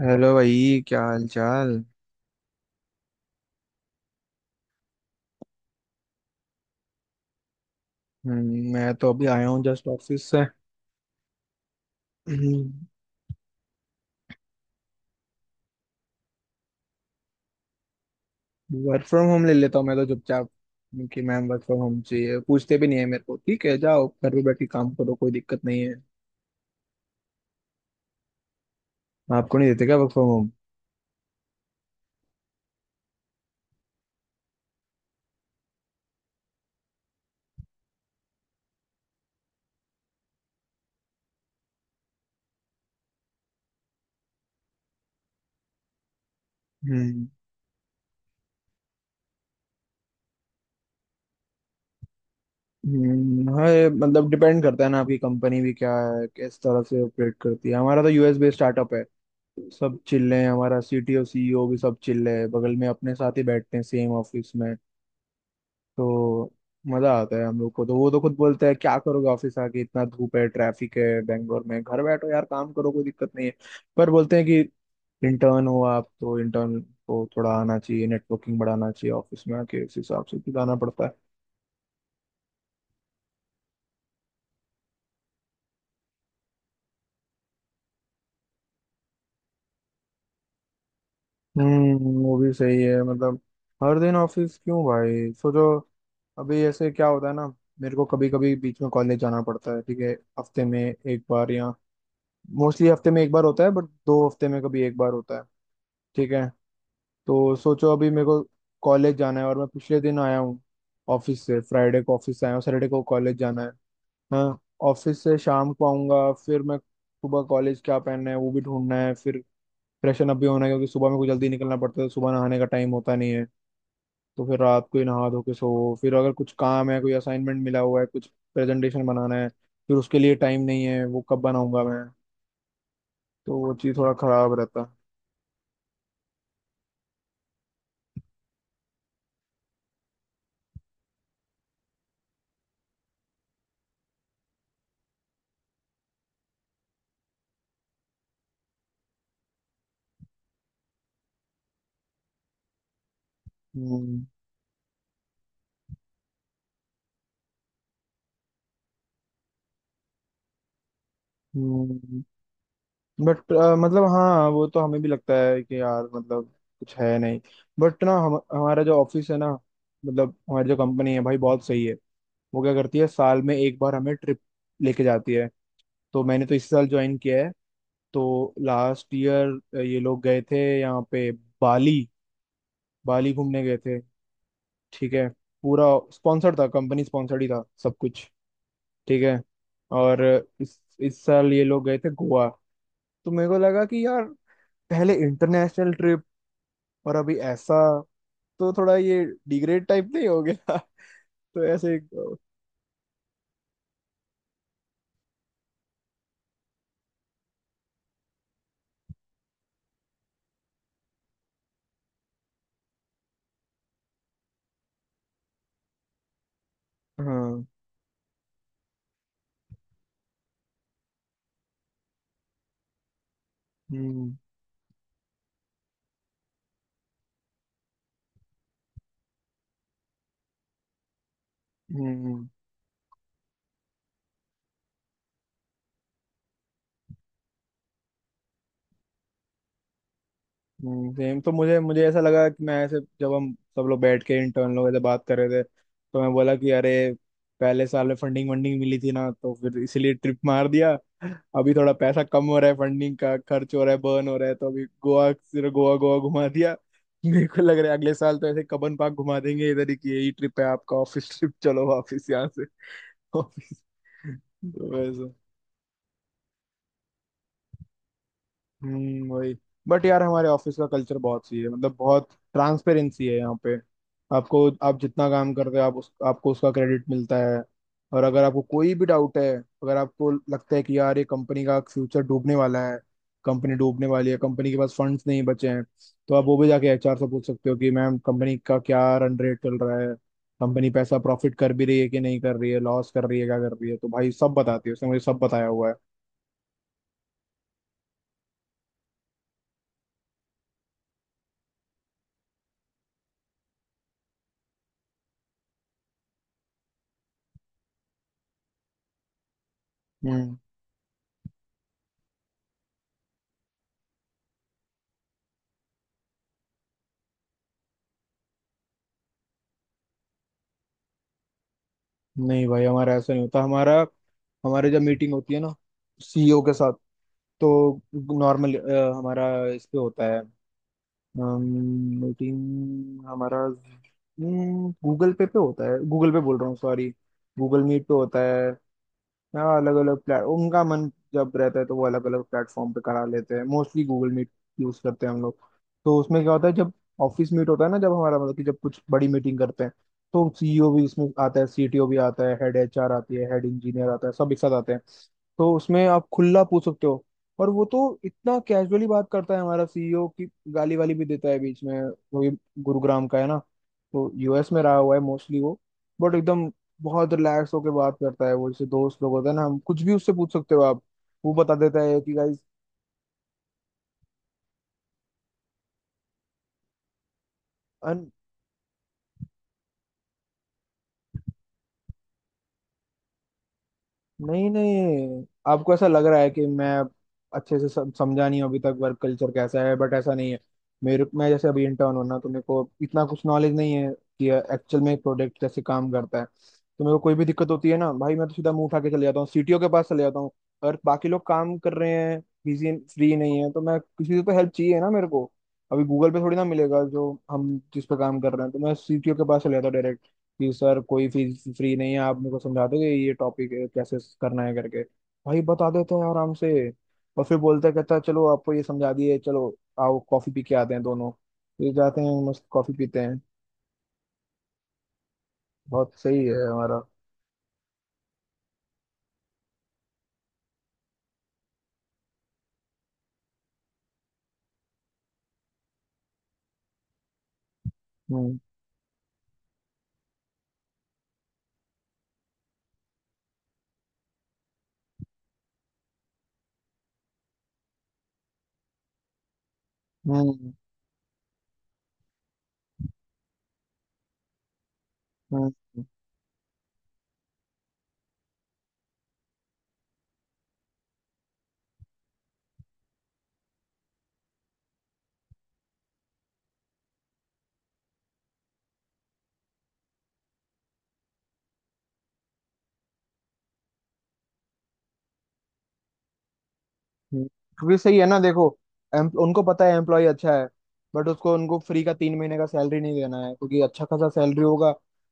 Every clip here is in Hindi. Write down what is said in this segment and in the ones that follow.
हेलो भाई, क्या हाल चाल। मैं तो अभी आया हूँ जस्ट ऑफिस से। वर्क फ्रॉम होम ले लेता हूँ मैं तो चुपचाप कि मैम वर्क फ्रॉम होम चाहिए। पूछते भी नहीं है मेरे को, ठीक है जाओ घर पे बैठ के काम करो, कोई दिक्कत नहीं है। आपको नहीं देते क्या वर्क फ्रॉम होम? हम्म। हाँ ये मतलब डिपेंड करता है ना आपकी कंपनी भी क्या है, किस तरह से ऑपरेट करती है। हमारा तो यूएस बेस्ड स्टार्टअप है। सब चिल्ले हैं, हमारा सीटीओ सीईओ भी सब चिल्ले है, बगल में अपने साथ ही बैठते हैं सेम ऑफिस में। तो मजा आता है हम लोग को। तो वो तो खुद बोलते हैं क्या करोगे ऑफिस आके, इतना धूप है, ट्रैफिक है बैंगलोर में, घर बैठो यार काम करो, कोई दिक्कत नहीं है। पर बोलते हैं कि इंटर्न हो आप तो इंटर्न को थोड़ा आना चाहिए, नेटवर्किंग बढ़ाना चाहिए ऑफिस में आके। उस हिसाब से भी जाना पड़ता है। हम्म, वो भी सही है। मतलब हर दिन ऑफिस क्यों भाई, सोचो। अभी ऐसे क्या होता है ना, मेरे को कभी कभी बीच में कॉलेज जाना पड़ता है, ठीक है हफ्ते में 1 बार, या मोस्टली हफ्ते में 1 बार होता है, बट 2 हफ्ते में कभी 1 बार होता है ठीक है। तो सोचो अभी मेरे को कॉलेज जाना है और मैं पिछले दिन आया हूँ ऑफिस से, फ्राइडे को ऑफिस से आया हूँ, सैटरडे को कॉलेज जाना है। हाँ, ऑफिस से शाम को आऊंगा, फिर मैं सुबह कॉलेज क्या पहनना है वो भी ढूंढना है, फिर फ्रेशन अप भी होना है क्योंकि सुबह में को जल्दी निकलना पड़ता है, तो सुबह नहाने का टाइम होता नहीं है। तो फिर रात को ही नहा धो के सो, फिर अगर कुछ काम है कोई असाइनमेंट मिला हुआ है, कुछ प्रेजेंटेशन बनाना है, फिर उसके लिए टाइम नहीं है, वो कब बनाऊंगा मैं। तो वो चीज़ थोड़ा खराब रहता है। हम्म। हम्म, बट मतलब हाँ वो तो हमें भी लगता है कि यार मतलब कुछ है नहीं। बट ना, हम हमारा जो ऑफिस है ना, मतलब हमारी जो कंपनी है भाई, बहुत सही है। वो क्या करती है, साल में 1 बार हमें ट्रिप लेके जाती है। तो मैंने तो इस साल ज्वाइन किया है, तो लास्ट ईयर ये लोग गए थे यहाँ पे, बाली। बाली घूमने गए थे ठीक है। पूरा स्पॉन्सर्ड था, कंपनी स्पॉन्सर्ड ही था सब कुछ, ठीक है। और इस साल ये लोग गए थे गोवा। तो मेरे को लगा कि यार, पहले इंटरनेशनल ट्रिप और अभी ऐसा, तो थोड़ा ये डिग्रेड टाइप नहीं हो गया? तो ऐसे एक- हाँ। हम्म। हम्म। हम्म। सेम। तो मुझे मुझे ऐसा लगा कि मैं ऐसे, जब हम सब लोग बैठ के इंटर्न लोग ऐसे बात कर रहे थे, तो मैं बोला कि अरे पहले साल में फंडिंग वंडिंग मिली थी ना, तो फिर इसीलिए ट्रिप मार दिया। अभी थोड़ा पैसा कम हो रहा है, फंडिंग का खर्च हो रहा है, बर्न हो रहा है, तो अभी गोवा, सिर्फ गोवा गोवा घुमा दिया। मेरे को लग रहा है अगले साल तो ऐसे कबन पार्क घुमा देंगे इधर ही, कि यही ट्रिप है आपका ऑफिस ट्रिप, चलो वापिस यहाँ से ऑफिस। तो वैसा। हम्म, वही। बट यार हमारे ऑफिस का कल्चर बहुत सही है, मतलब बहुत ट्रांसपेरेंसी है यहाँ पे। आपको, आप जितना काम करते हो आप उस आपको उसका क्रेडिट मिलता है। और अगर आपको कोई भी डाउट है, अगर आपको लगता है कि यार ये कंपनी का फ्यूचर डूबने वाला है, कंपनी डूबने वाली है, कंपनी के पास फंड्स नहीं बचे हैं, तो आप वो भी जाके एचआर से पूछ सकते हो कि मैम कंपनी का क्या रन रेट चल रहा है, कंपनी पैसा प्रॉफिट कर भी रही है कि नहीं कर रही है, लॉस कर रही है, क्या कर रही है। तो भाई सब बताती है, उसने मुझे सब बताया हुआ है। हम्म। नहीं भाई हमारा ऐसा नहीं होता। हमारा, हमारे जब मीटिंग होती है ना सीईओ के साथ, तो नॉर्मल हमारा इस पे होता है, मीटिंग हमारा गूगल पे पे होता है, गूगल पे बोल रहा हूँ सॉरी, गूगल मीट पे होता है। हाँ, अलग अलग प्लेट, उनका मन जब रहता है तो वो अलग अलग प्लेटफॉर्म पे करा लेते हैं। मोस्टली गूगल मीट यूज करते हैं हम लोग। तो उसमें क्या होता है, जब ऑफिस मीट होता है ना, जब हमारा मतलब कि जब कुछ बड़ी मीटिंग करते हैं, तो सीईओ भी इसमें आता है, सीटीओ भी आता है, हेड एचआर आती है, हेड इंजीनियर आता है, सब एक साथ आते हैं। तो उसमें आप खुला पूछ सकते हो। और वो तो इतना कैजुअली बात करता है हमारा सीईओ की गाली वाली भी देता है बीच में। वो भी गुरुग्राम का है ना, तो यूएस में रहा हुआ है मोस्टली वो। बट एकदम बहुत रिलैक्स होकर बात करता है वो, जैसे दोस्त लोग होता है ना, हम कुछ भी उससे पूछ सकते हो आप, वो बता देता है कि गाइस। नहीं नहीं, आपको ऐसा लग रहा है कि मैं अच्छे से समझा नहीं हूं अभी तक वर्क कल्चर कैसा है, बट ऐसा नहीं है। मेरे, मैं जैसे अभी इंटर्न हूं ना, तो मेरे को इतना कुछ नॉलेज नहीं है कि एक्चुअल में प्रोडक्ट कैसे काम करता है, तो मेरे को कोई भी दिक्कत होती है ना भाई, मैं तो सीधा मुंह उठा के चले जाता हूँ, सीटीओ के पास चले जाता हूँ। और बाकी लोग काम कर रहे हैं, बिजी, फ्री नहीं है, तो मैं किसी से तो हेल्प चाहिए ना मेरे को, अभी गूगल पे थोड़ी ना मिलेगा जो हम जिस पे काम कर रहे हैं, तो मैं सीटीओ के पास चले जाता हूँ कि सर कोई फीस फ्री नहीं है, आप मेरे को समझा दोगे ये टॉपिक कैसे करना है करके। भाई बता देते हैं आराम से। और फिर बोलता कहता है चलो आपको ये समझा दिए, चलो आओ कॉफी पी के आते हैं दोनों। फिर जाते हैं मस्त कॉफी पीते हैं। बहुत सही है हमारा। हम्म। हम्म। हम्म। हम्म। क्योंकि सही है ना देखो, उनको पता है एम्प्लॉय अच्छा है, बट उसको, उनको फ्री का 3 महीने का सैलरी नहीं देना है, क्योंकि अच्छा खासा सैलरी होगा।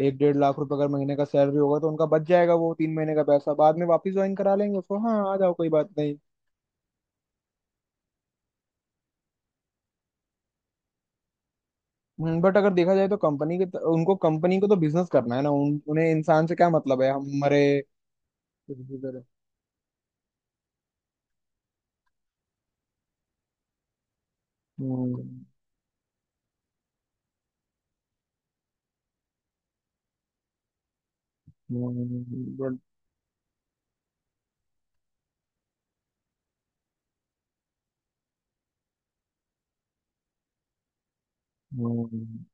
1 से 1.5 लाख रुपए अगर महीने का सैलरी होगा तो उनका बच जाएगा वो 3 महीने का पैसा। बाद में वापस ज्वाइन करा लेंगे उसको, हाँ आ जाओ कोई बात नहीं। बट अगर देखा जाए तो कंपनी के, उनको कंपनी को तो बिजनेस करना है ना, उन्हें इंसान से क्या मतलब है हमारे। हम्म। हम्म। But-। हम्म।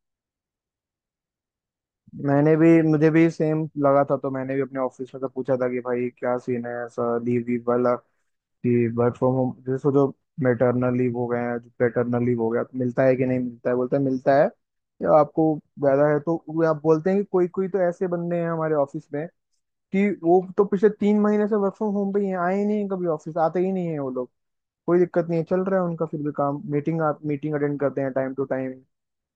मैंने भी, मुझे भी सेम लगा था, तो मैंने भी अपने ऑफिस में से पूछा था कि भाई क्या सीन है ऐसा लीव वीव वाला, कि वर्क फ्रॉम होम जैसे सोचो मेटरनल लीव हो गया है, पेटर्नल लीव हो गया तो मिलता है कि नहीं मिलता है। बोलता है मिलता है या आपको ज्यादा है तो वो, आप बोलते हैं कि कोई, कोई तो ऐसे बंदे हैं हमारे ऑफिस में कि वो तो पिछले 3 महीने से वर्क फ्रॉम होम पे ही हैं, आए ही नहीं हैं कभी, ऑफिस आते ही नहीं है वो लोग। कोई दिक्कत नहीं है, चल रहा है उनका फिर भी काम, मीटिंग आप मीटिंग अटेंड करते हैं टाइम टू टाइम,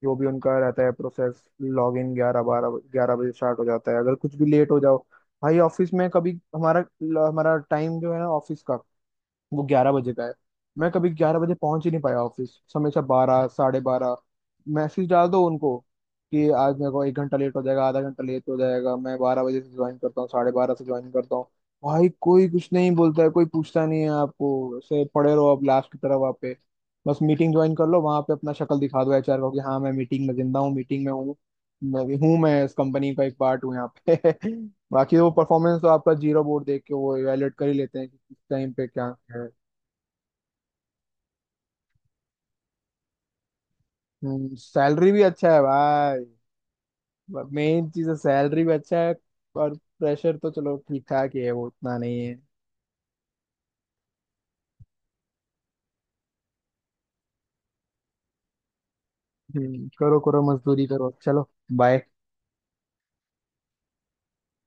जो भी उनका रहता है प्रोसेस। लॉग इन 11, 12, 11 बजे स्टार्ट हो जाता है, अगर कुछ भी लेट हो जाओ। भाई ऑफिस में कभी, हमारा हमारा टाइम जो है ना ऑफिस का, वो 11 बजे का है। मैं कभी 11 बजे पहुंच ही नहीं पाया ऑफिस, हमेशा 12, 12:30। मैसेज डाल दो उनको कि आज मेरे को 1 घंटा लेट हो जाएगा, आधा घंटा लेट हो जाएगा, मैं 12 बजे से ज्वाइन करता हूँ, 12:30 से ज्वाइन करता हूँ। भाई कोई कुछ नहीं बोलता है, कोई पूछता नहीं है, आपको ऐसे पड़े रहो आप लास्ट की तरफ वहाँ पे। बस मीटिंग ज्वाइन कर लो वहाँ पे, अपना शक्ल दिखा दो एचआर को कि हाँ मैं मीटिंग में जिंदा हूँ, मीटिंग में हूँ मैं भी हूँ, मैं इस कंपनी का एक पार्ट हूँ यहाँ पे बाकी वो परफॉर्मेंस तो आपका जीरो बोर्ड देख के वो इवेलुएट कर ही लेते हैं कि किस टाइम पे क्या है। हम्म, सैलरी भी अच्छा है भाई, मेन चीज है। सैलरी भी अच्छा है और प्रेशर तो चलो ठीक ठाक ही है, वो उतना नहीं है। हम्म, करो करो मजदूरी करो, चलो बाय।